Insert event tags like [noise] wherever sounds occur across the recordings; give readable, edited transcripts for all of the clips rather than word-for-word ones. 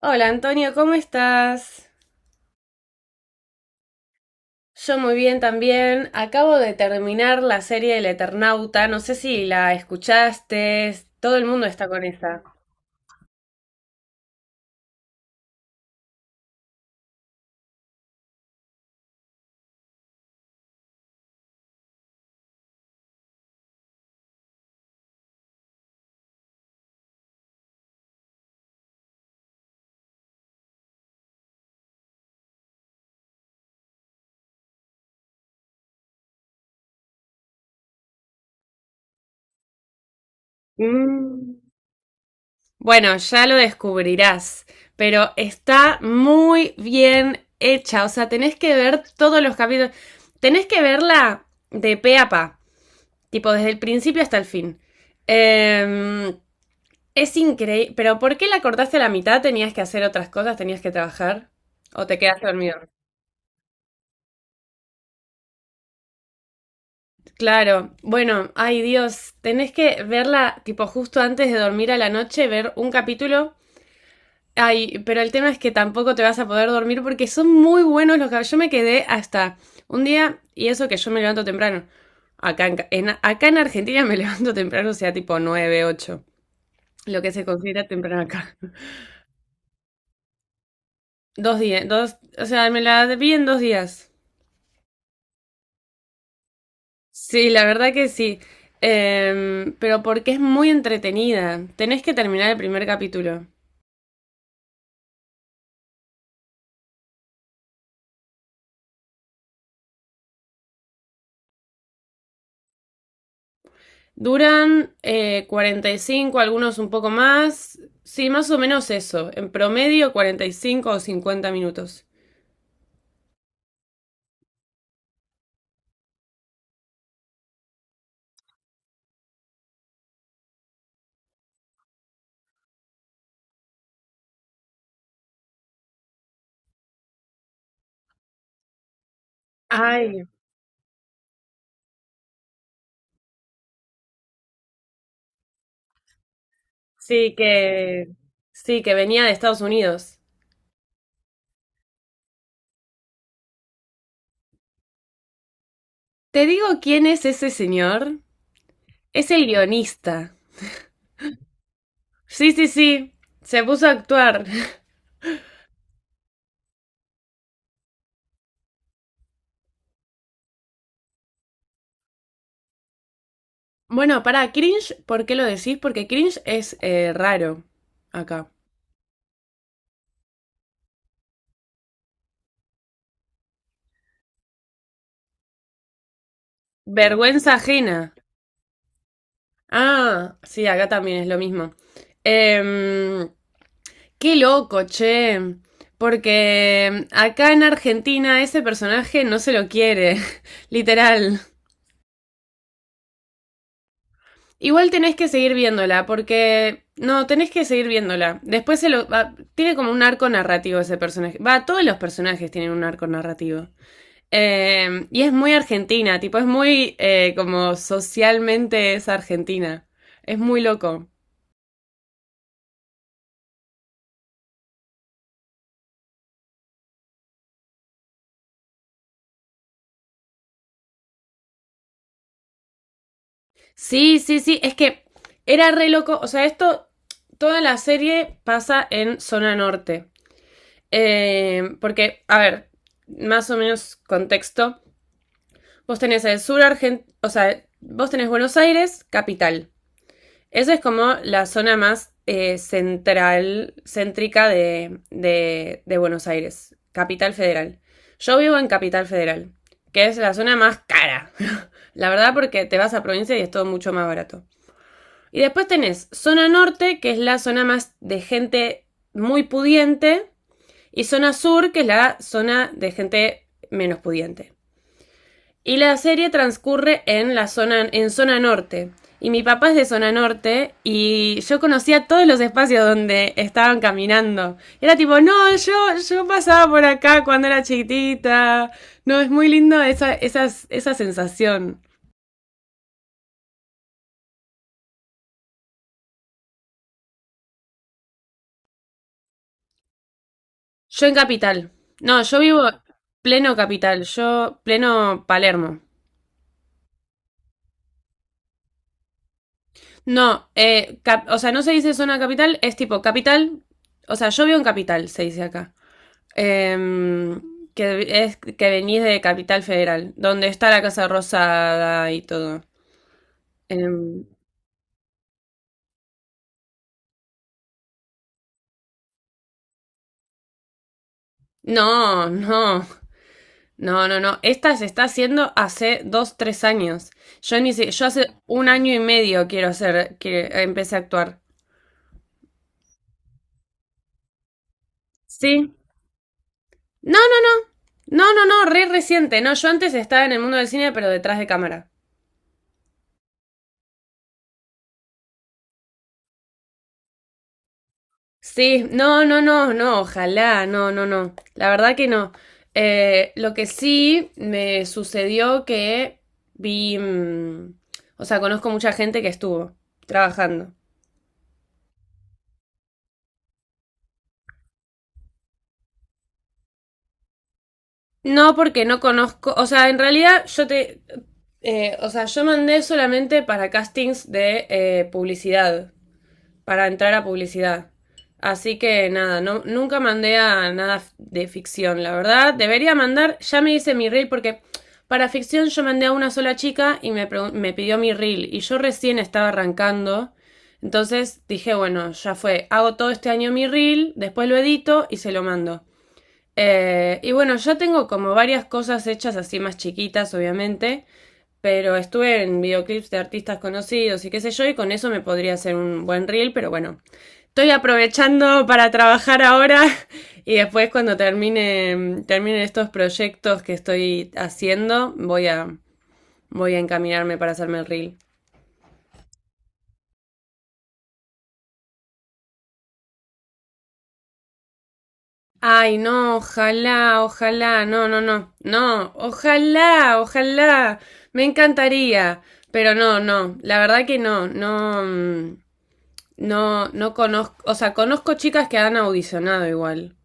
Hola Antonio, ¿cómo estás? Yo muy bien también. Acabo de terminar la serie El Eternauta. No sé si la escuchaste. Todo el mundo está con esa. Mm. Bueno, ya lo descubrirás, pero está muy bien hecha. O sea, tenés que ver todos los capítulos. Tenés que verla de pe a pa, tipo desde el principio hasta el fin. Em, Es increíble. ¿Pero por qué la cortaste a la mitad? ¿Tenías que hacer otras cosas? ¿Tenías que trabajar? ¿O te quedaste dormido? Claro. Bueno, ay Dios, tenés que verla tipo justo antes de dormir a la noche, ver un capítulo. Ay, pero el tema es que tampoco te vas a poder dormir porque son muy buenos los capítulos. Yo me quedé hasta un día, y eso que yo me levanto temprano. Acá en Argentina me [laughs] levanto temprano, o sea, tipo 9 8, lo que se considera temprano acá. Dos días, dos, o sea, me la vi en dos días. Sí, la verdad que sí. Pero porque es muy entretenida. Tenés que terminar el primer capítulo. Duran 45, algunos un poco más. Sí, más o menos eso. En promedio 45 o 50 minutos. Ay, sí que... Sí, que venía de Estados Unidos. ¿Te digo quién es ese señor? Es el guionista. Sí, sí, sí. Se puso a actuar. [laughs] Bueno, para cringe, ¿por qué lo decís? Porque cringe es raro acá. Vergüenza ajena. Ah, sí, acá también es lo mismo. Em, Qué loco, che. Porque acá en Argentina ese personaje no se lo quiere, [laughs] literal. Igual tenés que seguir viéndola, porque... No, tenés que seguir viéndola. Después tiene como un arco narrativo ese personaje. Va, todos los personajes tienen un arco narrativo. Y es muy argentina, tipo, es muy como socialmente es argentina. Es muy loco. Sí, sí, sí, es que era re loco, o sea, esto, toda la serie pasa en zona norte. Porque, a ver, más o menos contexto, vos tenés el sur argentino, o sea, vos tenés Buenos Aires, capital. Esa es como la zona más central, céntrica de Buenos Aires, capital federal. Yo vivo en Capital Federal, que es la zona más cara. [laughs] La verdad, porque te vas a provincia y es todo mucho más barato. Y después tenés zona norte, que es la zona más de gente muy pudiente, y zona sur, que es la zona de gente menos pudiente. Y la serie transcurre en zona norte. Y mi papá es de zona norte y yo conocía todos los espacios donde estaban caminando. Y era tipo, no, yo pasaba por acá cuando era chiquitita. No, es muy lindo esa sensación. Yo en Capital. No, yo vivo pleno Capital, yo pleno Palermo. No, o sea, no se dice zona capital, es tipo Capital, o sea, yo vivo en Capital, se dice acá. Em, que es que venís de Capital Federal, donde está la Casa Rosada y todo. Em, no, no, no, no, no. Esta se está haciendo hace dos, tres años. Yo ni si- yo hace un año y medio quiero hacer, que empecé a actuar. Sí. No, no, no, no, re reciente. No, yo antes estaba en el mundo del cine, pero detrás de cámara. Sí, no, no, no, no, ojalá, no, no, no. La verdad que no. Lo que sí me sucedió que vi, mm, o sea, conozco mucha gente que estuvo trabajando. No porque no conozco, o sea, en realidad o sea, yo mandé solamente para castings de publicidad. Para entrar a publicidad. Así que nada, no, nunca mandé a nada de ficción, la verdad. Debería mandar, ya me hice mi reel porque para ficción yo mandé a una sola chica y me pidió mi reel y yo recién estaba arrancando. Entonces dije, bueno, ya fue, hago todo este año mi reel, después lo edito y se lo mando. Y bueno, ya tengo como varias cosas hechas así más chiquitas, obviamente. Pero estuve en videoclips de artistas conocidos y qué sé yo, y con eso me podría hacer un buen reel, pero bueno, estoy aprovechando para trabajar ahora [laughs] y después cuando termine estos proyectos que estoy haciendo, voy a encaminarme para hacerme el reel. Ay, no, ojalá, ojalá, no, no, no, no, ojalá, ojalá, me encantaría, pero no, no, la verdad que no, no, mm, no, no conozco, o sea, conozco chicas que han audicionado igual.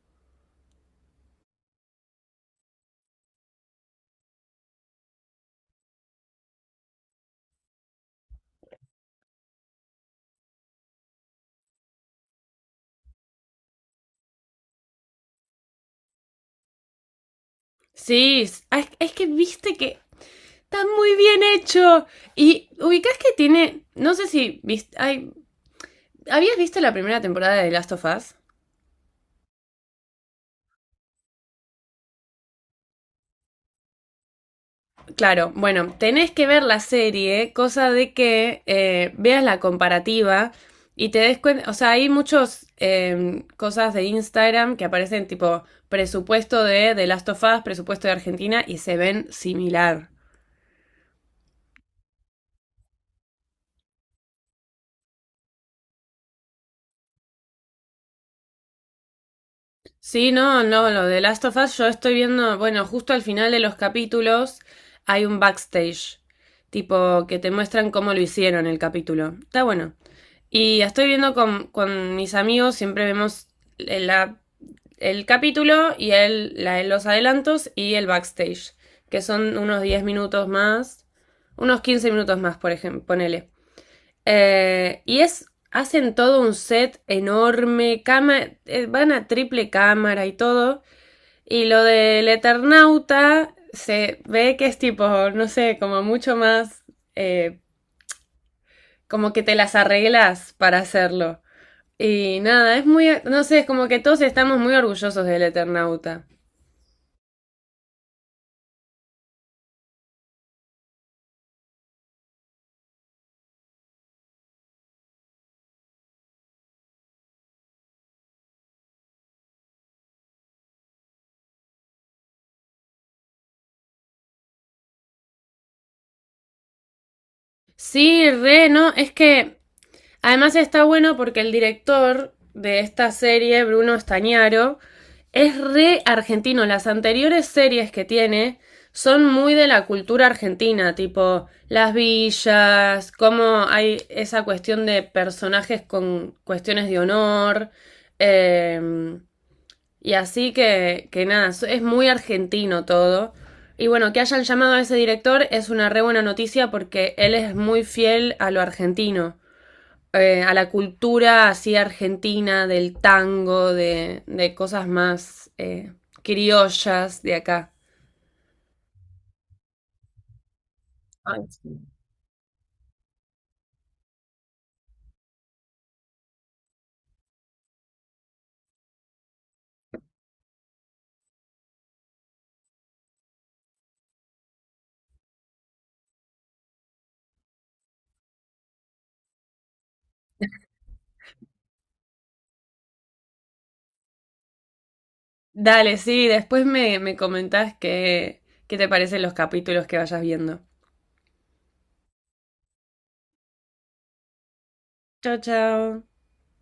Sí, ah, que viste que está muy bien hecho. Y ubicás que tiene, no sé si viste, ay, ¿habías visto la primera temporada de Last of Us? Claro, bueno, tenés que ver la serie, cosa de que veas la comparativa y te des cuenta, o sea, hay muchas cosas de Instagram que aparecen tipo presupuesto de The Last of Us, presupuesto de Argentina y se ven similar. Sí, no, no, lo de Last of Us yo estoy viendo, bueno, justo al final de los capítulos hay un backstage, tipo que te muestran cómo lo hicieron el capítulo. Está bueno. Y estoy viendo con mis amigos, siempre vemos el, la- el capítulo y los adelantos y el backstage, que son unos 10 minutos más, unos 15 minutos más, por ejemplo, ponele. Eh, y es, Hacen todo un set enorme, cama, van a triple cámara y todo. Y lo del Eternauta se ve que es tipo, no sé, como mucho más, eh, como que te las arreglas para hacerlo. Y nada, es muy, no sé, es como que todos estamos muy orgullosos del Eternauta. Sí, re, no, es que además está bueno porque el director de esta serie, Bruno Estañaro, es re argentino. Las anteriores series que tiene son muy de la cultura argentina, tipo las villas, cómo hay esa cuestión de personajes con cuestiones de honor. eh, y así que, nada, so, es muy argentino todo. Y bueno, que hayan llamado a ese director es una re buena noticia porque él es muy fiel a lo argentino, a la cultura así argentina, del tango, de cosas más criollas de acá. Ay. Dale, sí, después me comentás qué te parecen los capítulos que vayas viendo. Chao, chao.